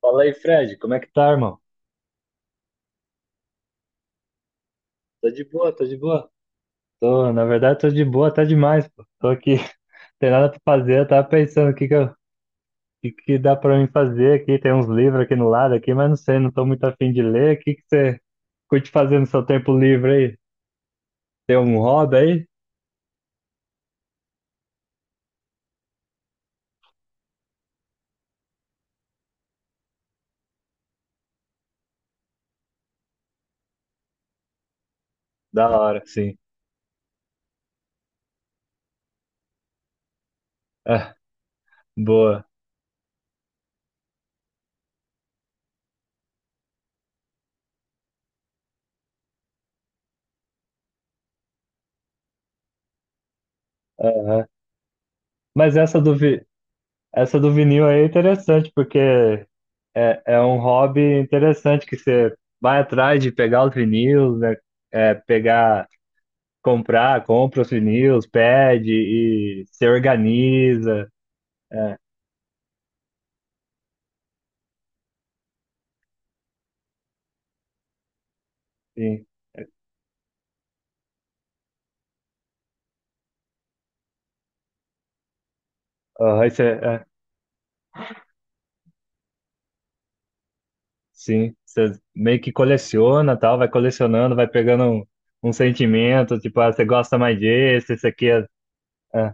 Fala aí, Fred, como é que tá, irmão? Tô de boa, tô de boa. Na verdade, tô de boa até demais, pô. Tô aqui, tem nada pra fazer, eu tava pensando o que que dá pra mim fazer aqui. Tem uns livros aqui no lado aqui, mas não sei, não tô muito afim de ler. O que que você curte fazer no seu tempo livre aí? Tem um hobby aí? Da hora, sim. Ah, boa. Aham. Mas essa do vinil aí é interessante, é um hobby interessante que você vai atrás de pegar os vinil, né? É, pegar. Comprar, compra os vinis, pede e se organiza. É, sim. Aham, sim. Você meio que coleciona, tal, vai colecionando, vai pegando um, um sentimento, tipo, ah, você gosta mais desse, esse aqui é, é,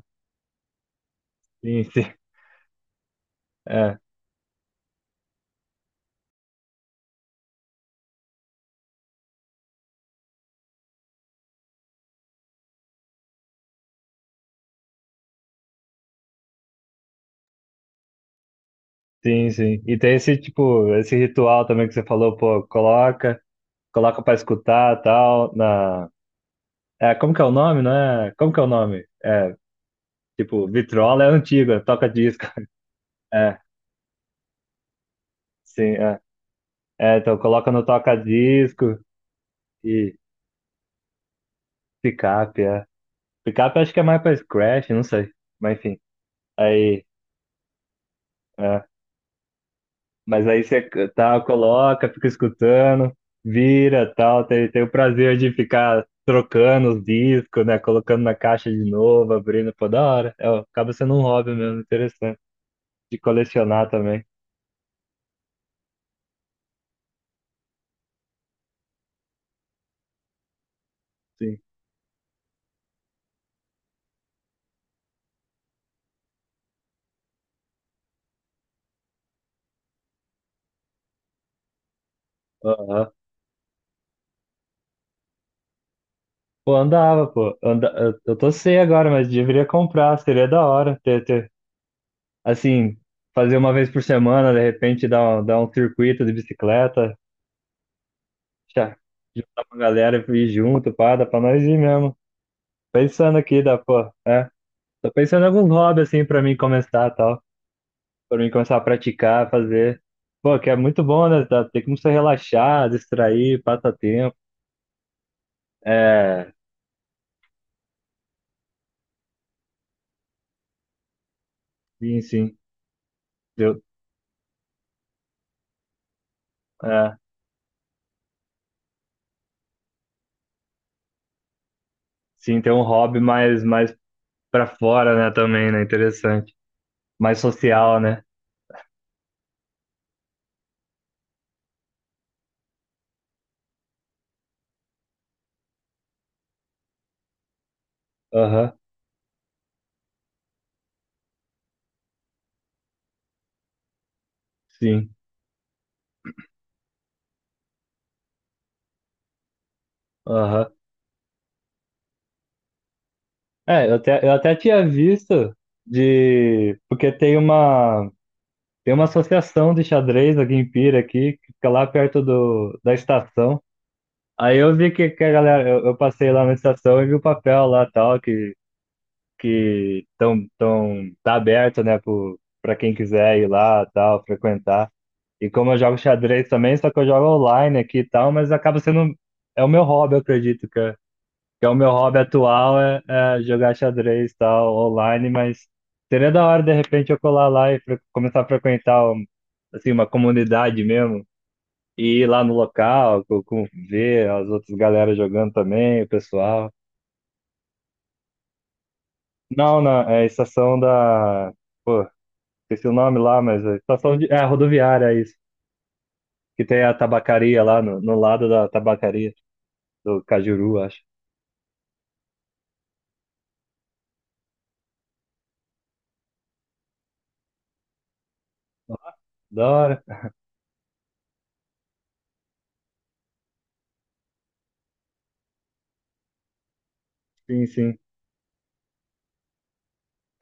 sim, sim, é, sim, sim. E tem esse tipo, esse ritual também que você falou, pô, coloca, coloca pra escutar, tal, na. É, como que é o nome, né? Como que é o nome? É, tipo, vitrola é antiga, toca disco. É, sim, é. É, então coloca no toca-disco e picape, é. Picape acho que é mais pra scratch, não sei. Mas enfim, aí, é. Mas aí você tá, coloca, fica escutando, vira, tal, tem o prazer de ficar trocando os discos, né, colocando na caixa de novo, abrindo, pô, da hora. É, ó, acaba sendo um hobby mesmo, interessante de colecionar também. Sim. Aham. Pô, andava, pô. Anda... Eu tô sem agora, mas deveria comprar, seria da hora ter, ter. Assim, fazer uma vez por semana, de repente dar um circuito de bicicleta, já, juntar uma galera e ir junto, pá, dá pra nós ir mesmo. Pensando aqui, dá, pô, é. Tô pensando em alguns hobbies, assim, pra mim começar, tal. Pra mim começar a praticar, fazer. Pô, que é muito bom, né? Tá? Tem como você relaxar, distrair, passar tempo. É, sim, sim. Eu, é, sim, tem um hobby mais, mais pra fora, né, também, né? Interessante. Mais social, né? Aham, sim. Aham. É, eu até tinha visto de. Porque tem uma associação de xadrez aqui em Pira, aqui, que fica lá perto do, da estação. Aí eu vi que a galera. Eu passei lá na estação e vi o papel lá tal, que, tá aberto, né, pro, pra quem quiser ir lá tal, frequentar. E como eu jogo xadrez também, só que eu jogo online aqui e tal, mas acaba sendo. É o meu hobby, eu acredito, que é o meu hobby atual é, é jogar xadrez e tal, online, mas seria da hora de repente eu colar lá e começar a frequentar um- assim, uma comunidade mesmo. E ir lá no local, ver as outras galera jogando também, o pessoal. Não, não, é a estação da. Pô, esqueci o nome lá, mas é estação de. É a rodoviária, é isso. Que tem a tabacaria lá no, no lado da tabacaria, do Cajuru, acho. Da hora. Sim, sim.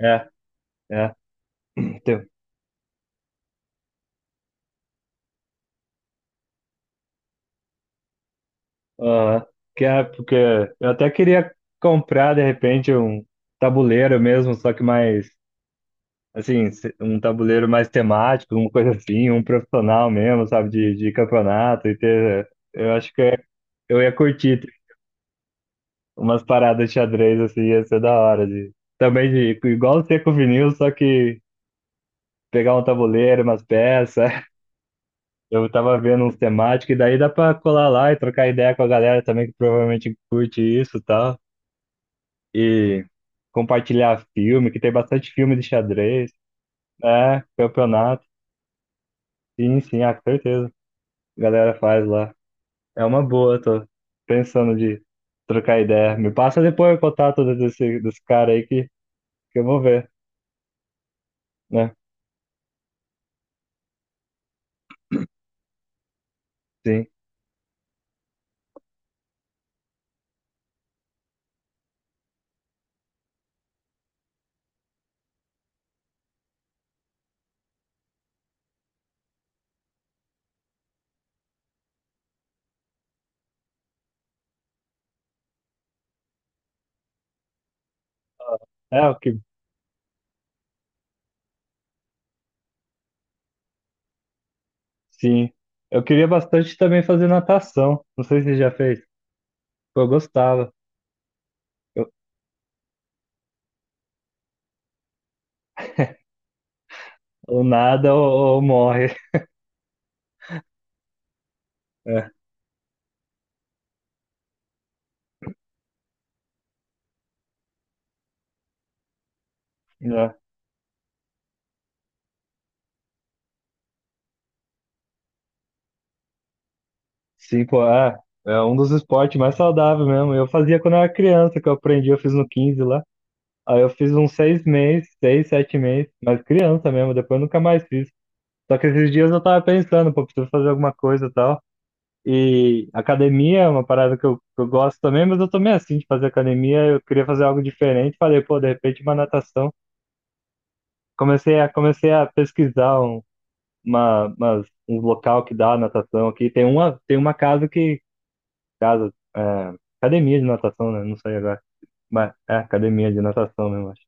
É, é. Tem. Aham. Que é porque eu até queria comprar de repente um tabuleiro mesmo, só que mais assim, um tabuleiro mais temático, uma coisa assim, um profissional mesmo, sabe, de campeonato e ter. Eu acho que eu ia curtir ter umas paradas de xadrez assim, ia ser da hora de também de igual ser com o vinil, só que pegar um tabuleiro, umas peças. Eu tava vendo uns temáticos e daí dá pra colar lá e trocar ideia com a galera também que provavelmente curte isso, e tal. E compartilhar filme, que tem bastante filme de xadrez, é, campeonato, sim, sim, ah, com certeza, a galera faz lá. É uma boa, tô pensando de trocar ideia. Me passa depois o contato desse, desse cara aí que eu vou ver, né? Sim. É, o que, sim. Eu queria bastante também fazer natação. Não sei se você já fez. Pô, eu gostava. Eu, ou nada ou, ou morre. É, né? Cinco, é, é um dos esportes mais saudáveis mesmo. Eu fazia quando eu era criança, que eu aprendi, eu fiz no 15 lá. Aí eu fiz uns seis meses, seis, sete meses, mas criança mesmo, depois eu nunca mais fiz. Só que esses dias eu tava pensando, pô, preciso fazer alguma coisa e tal. E academia é uma parada que eu gosto também, mas eu tô meio assim de fazer academia, eu queria fazer algo diferente. Falei, pô, de repente uma natação. Comecei a pesquisar um, uma, umas, um local que dá natação aqui. Tem uma casa que casa, é, academia de natação, né? Não sei agora. Mas é academia de natação mesmo, acho.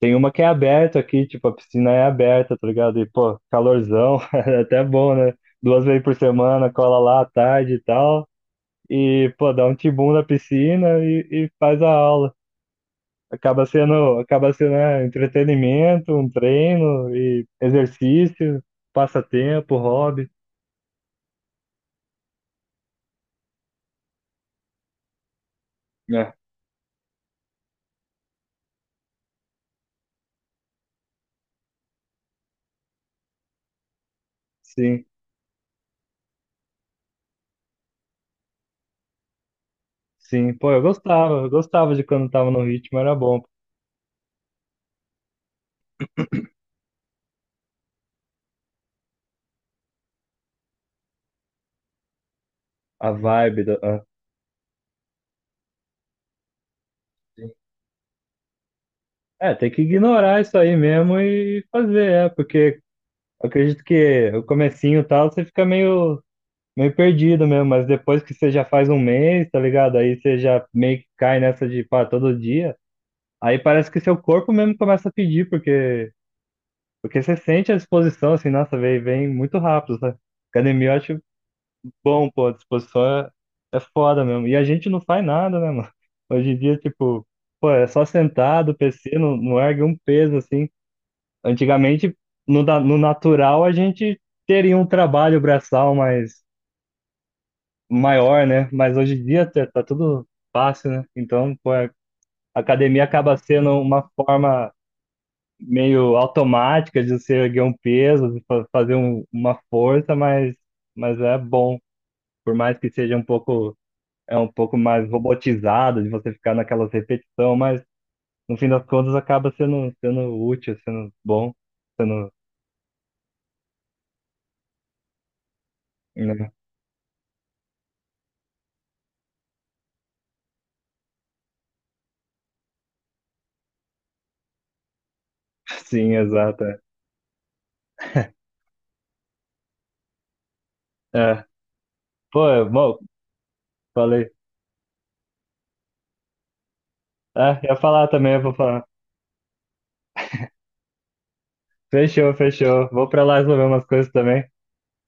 Tem uma que é aberta aqui, tipo, a piscina é aberta, tá ligado? E, pô, calorzão, é até bom, né? Duas vezes por semana, cola lá à tarde e tal. E, pô, dá um tibum na piscina e faz a aula. Acaba sendo, né, entretenimento, um treino, e exercício, passatempo, hobby. É, sim, sim. Pô, eu gostava de quando tava no ritmo, era bom. A vibe da. É, tem que ignorar isso aí mesmo e fazer, é, porque eu acredito que o comecinho e tal, você fica meio, meio perdido mesmo, mas depois que você já faz um mês, tá ligado? Aí você já meio que cai nessa de, pá, todo dia, aí parece que seu corpo mesmo começa a pedir, porque, porque você sente a disposição, assim, nossa, vem, vem muito rápido, sabe? Academia eu acho bom, pô, a disposição é, é foda mesmo. E a gente não faz nada, né, mano? Hoje em dia, tipo, pô, é só sentado, PC, não, não ergue um peso, assim. Antigamente, no natural, a gente teria um trabalho braçal mais maior, né? Mas hoje em dia tá, tá tudo fácil, né? Então, pô, a academia acaba sendo uma forma meio automática de você erguer um peso, de fazer uma força, mas é bom. Por mais que seja um pouco é um pouco mais robotizado, de você ficar naquelas repetição, mas no fim das contas acaba sendo, sendo útil, sendo bom, sendo, né? Sim, exato. É. É. Pô, bom, falei. É, ia falar também, eu vou falar. Fechou, fechou. Vou pra lá resolver umas coisas também.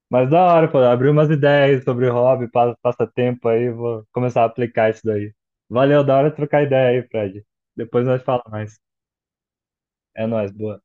Mas da hora, pô, abriu umas ideias sobre hobby, passatempo aí, vou começar a aplicar isso daí. Valeu, da hora trocar ideia aí, Fred. Depois nós falamos mais. É nóis, boa.